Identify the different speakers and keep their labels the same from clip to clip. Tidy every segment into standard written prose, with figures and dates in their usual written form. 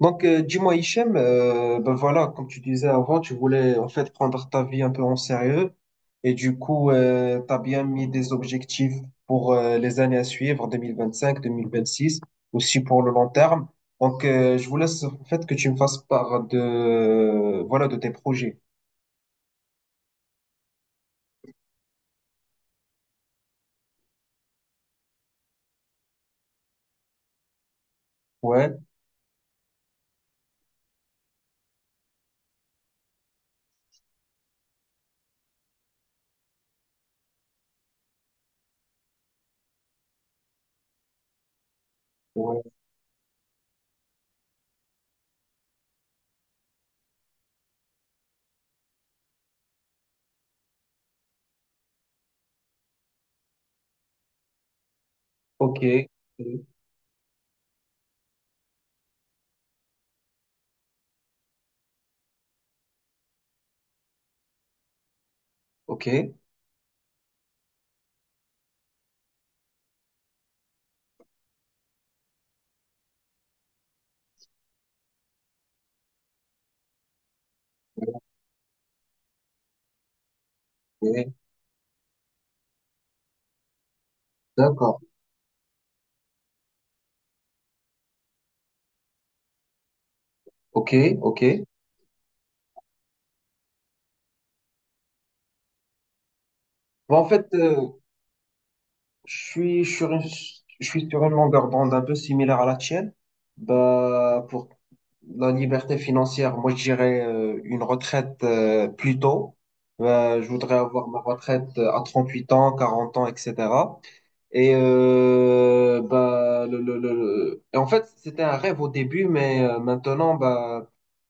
Speaker 1: Dis-moi, Hichem, ben voilà, comme tu disais avant, tu voulais en fait prendre ta vie un peu en sérieux et du coup, tu as bien mis des objectifs pour les années à suivre, 2025, 2026, aussi pour le long terme. Je voulais en fait que tu me fasses part de, voilà, de tes projets. Ouais, ouais, ok, ok, ok, d'accord, ok, ok. Bon, en fait, Je suis sur une, je suis sur une longueur d'onde un peu similaire à la tienne. Bah, pour la liberté financière, moi, je dirais une retraite plus tôt. Je voudrais avoir ma retraite à 38 ans, 40 ans, etc. Et, bah, et en fait, c'était un rêve au début, mais maintenant, bah,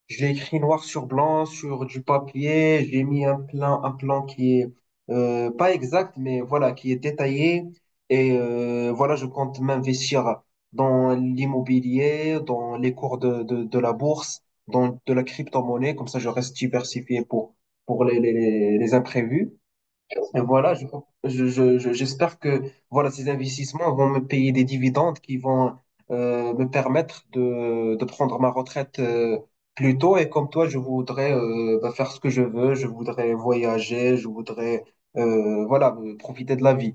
Speaker 1: je l'ai écrit noir sur blanc, sur du papier. J'ai mis un plan qui est pas exact, mais voilà, qui est détaillé. Et voilà, je compte m'investir dans l'immobilier, dans les cours de la bourse, dans de la crypto-monnaie. Comme ça, je reste diversifié pour les les imprévus. Et voilà, j'espère que voilà, ces investissements vont me payer des dividendes qui vont me permettre de prendre ma retraite plus tôt. Et comme toi, je voudrais bah, faire ce que je veux. Je voudrais voyager. Je voudrais voilà, profiter de la vie.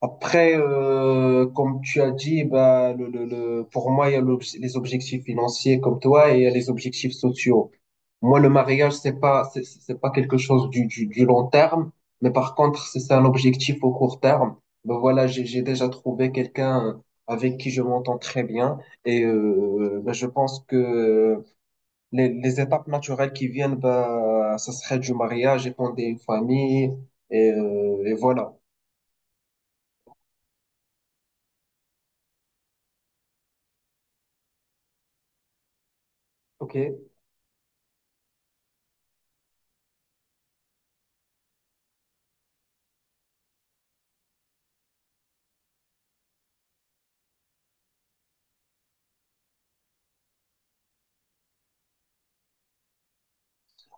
Speaker 1: Après, comme tu as dit, bah, pour moi, il y a les objectifs financiers comme toi et il y a les objectifs sociaux. Moi, le mariage, c'est pas quelque chose du long terme, mais par contre, c'est un objectif au court terme. Ben voilà, j'ai déjà trouvé quelqu'un avec qui je m'entends très bien et ben, je pense que les étapes naturelles qui viennent, bah, ça serait du mariage, et fonder une famille et voilà. Ok.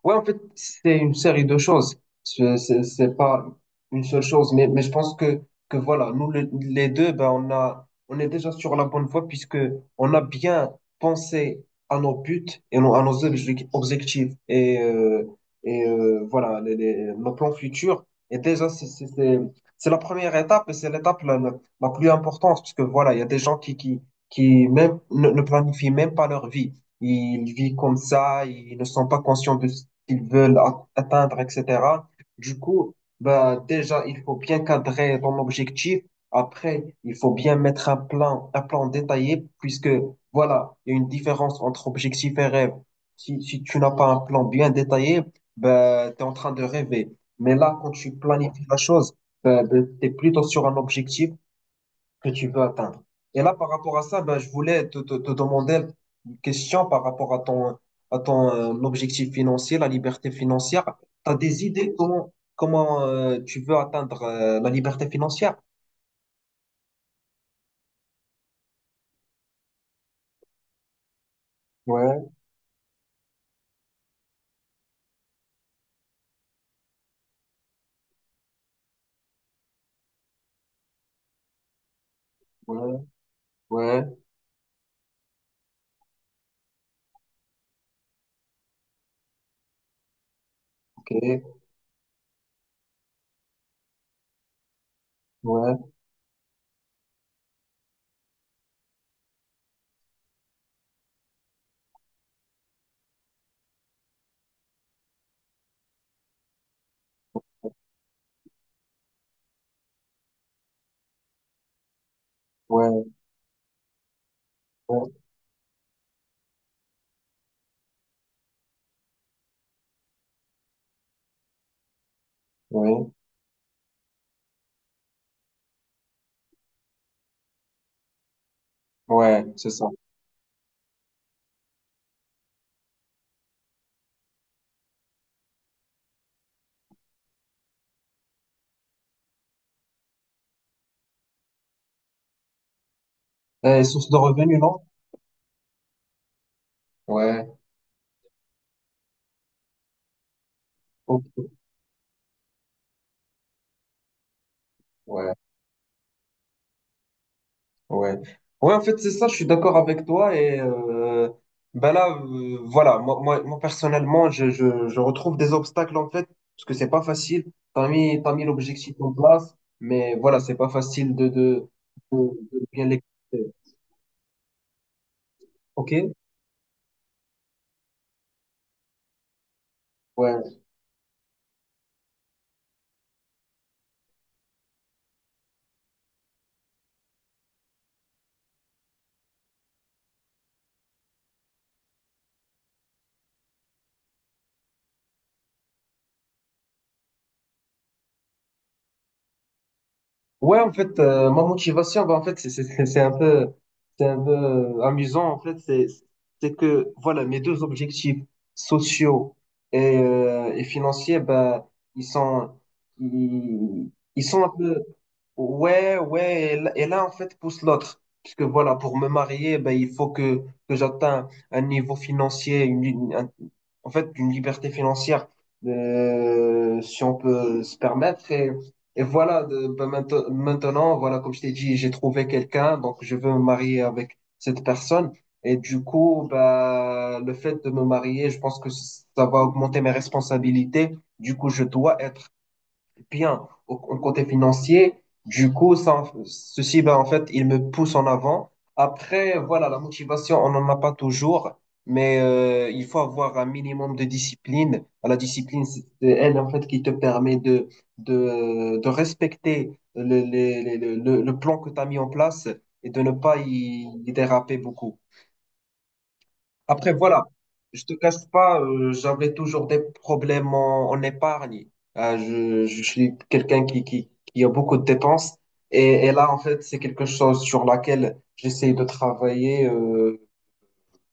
Speaker 1: Ouais, en fait, c'est une série de choses. C'est pas une seule chose, mais je pense que voilà, les deux, ben, on est déjà sur la bonne voie puisque on a bien pensé à nos buts et à nos objectifs et voilà, nos plans futurs. Et déjà, c'est la première étape et c'est l'étape la plus importante puisque voilà, il y a des gens qui même, ne planifient même pas leur vie. Ils vivent comme ça, ils ne sont pas conscients de, qu'ils veulent atteindre, etc. Du coup, bah, déjà, il faut bien cadrer ton objectif. Après, il faut bien mettre un plan détaillé, puisque voilà, il y a une différence entre objectif et rêve. Si tu n'as pas un plan bien détaillé, bah, tu es en train de rêver. Mais là, quand tu planifies la chose, bah, tu es plutôt sur un objectif, que tu veux atteindre. Et là, par rapport à ça, ben, je voulais te demander une question par rapport à ton objectif financier, la liberté financière. Tu as des idées comment, comment tu veux atteindre la liberté financière? Ouais, ouais, ouais, ok, ouais, ouais, ouais, ouais, ouais, c'est ça. Source de revenus, non? Ouais, ok, ouais. Ouais. Ouais, en fait, c'est ça, je suis d'accord avec toi. Et ben là, voilà, personnellement, je retrouve des obstacles, en fait, parce que c'est pas facile. T'as mis l'objectif en place, mais voilà, c'est pas facile de bien l'exécuter. OK? Ouais. Ouais, en fait, ma motivation, bah, en fait, c'est un peu amusant, en fait, c'est que, voilà, mes deux objectifs sociaux et financiers, bah, ils sont, ils sont un peu, Ouais, ouais, et là, en fait, pousse l'autre. Parce que voilà, pour me marier, ben, que j'atteigne un niveau financier, en fait, une liberté financière, si on peut se permettre. Et voilà, ben, maintenant, voilà, comme je t'ai dit, j'ai trouvé quelqu'un, donc je veux me marier avec cette personne. Et du coup, ben, le fait de me marier, je pense que ça va augmenter mes responsabilités. Du coup, je dois être bien au côté financier. Du coup, ceci, ben, en fait, il me pousse en avant. Après, voilà, la motivation, on n'en a pas toujours, mais il faut avoir un minimum de discipline. La discipline, c'est elle, en fait, qui te permet de respecter le, les- le plan que tu as mis en place et de ne pas y déraper beaucoup. Après, voilà, je te cache pas, j'avais toujours des problèmes en, en épargne. Je suis quelqu'un qui a beaucoup de dépenses. Et là, en fait, c'est quelque chose sur laquelle j'essaie de travailler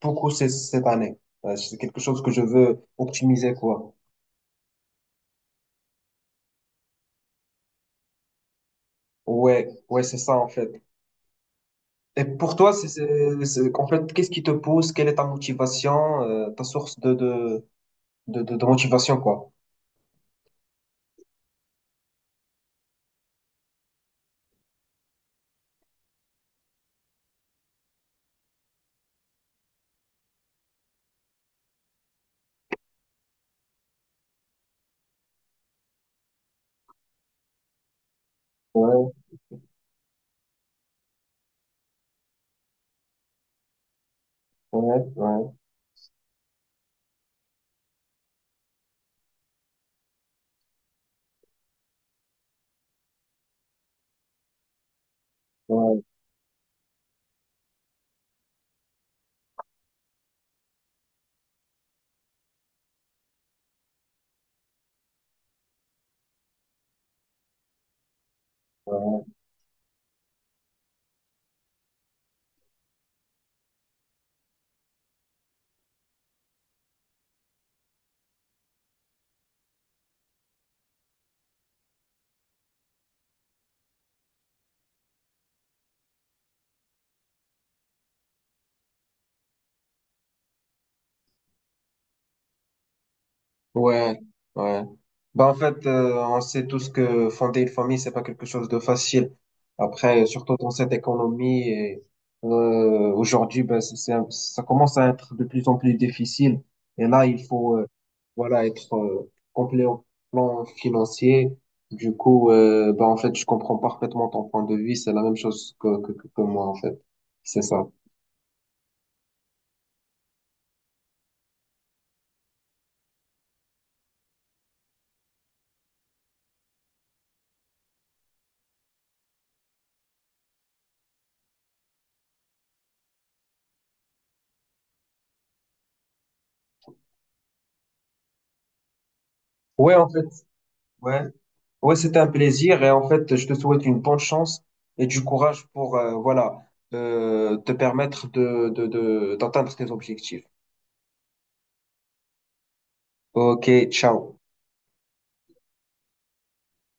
Speaker 1: beaucoup cette année. C'est quelque chose que je veux optimiser, quoi. Ouais, ouais, c'est ça, en fait. Et pour toi, en fait, qu'est-ce qui te pousse? Quelle est ta motivation, ta source de de motivation, quoi? Ouais, ouais, ouais, ouais, ouais. Ouais, ouais. Bah, en fait, on sait tous que fonder une famille, c'est pas quelque chose de facile. Après, surtout dans cette économie, et, aujourd'hui, ben, ça commence à être de plus en plus difficile. Et là, il faut, voilà, être complet au plan financier. Du coup, bah, en fait, je comprends parfaitement ton point de vue. C'est la même chose que que moi, en fait. C'est ça. Ouais, en fait, ouais. Ouais, c'était un plaisir et en fait, je te souhaite une bonne chance et du courage pour te permettre d'atteindre tes objectifs. Ok, ciao.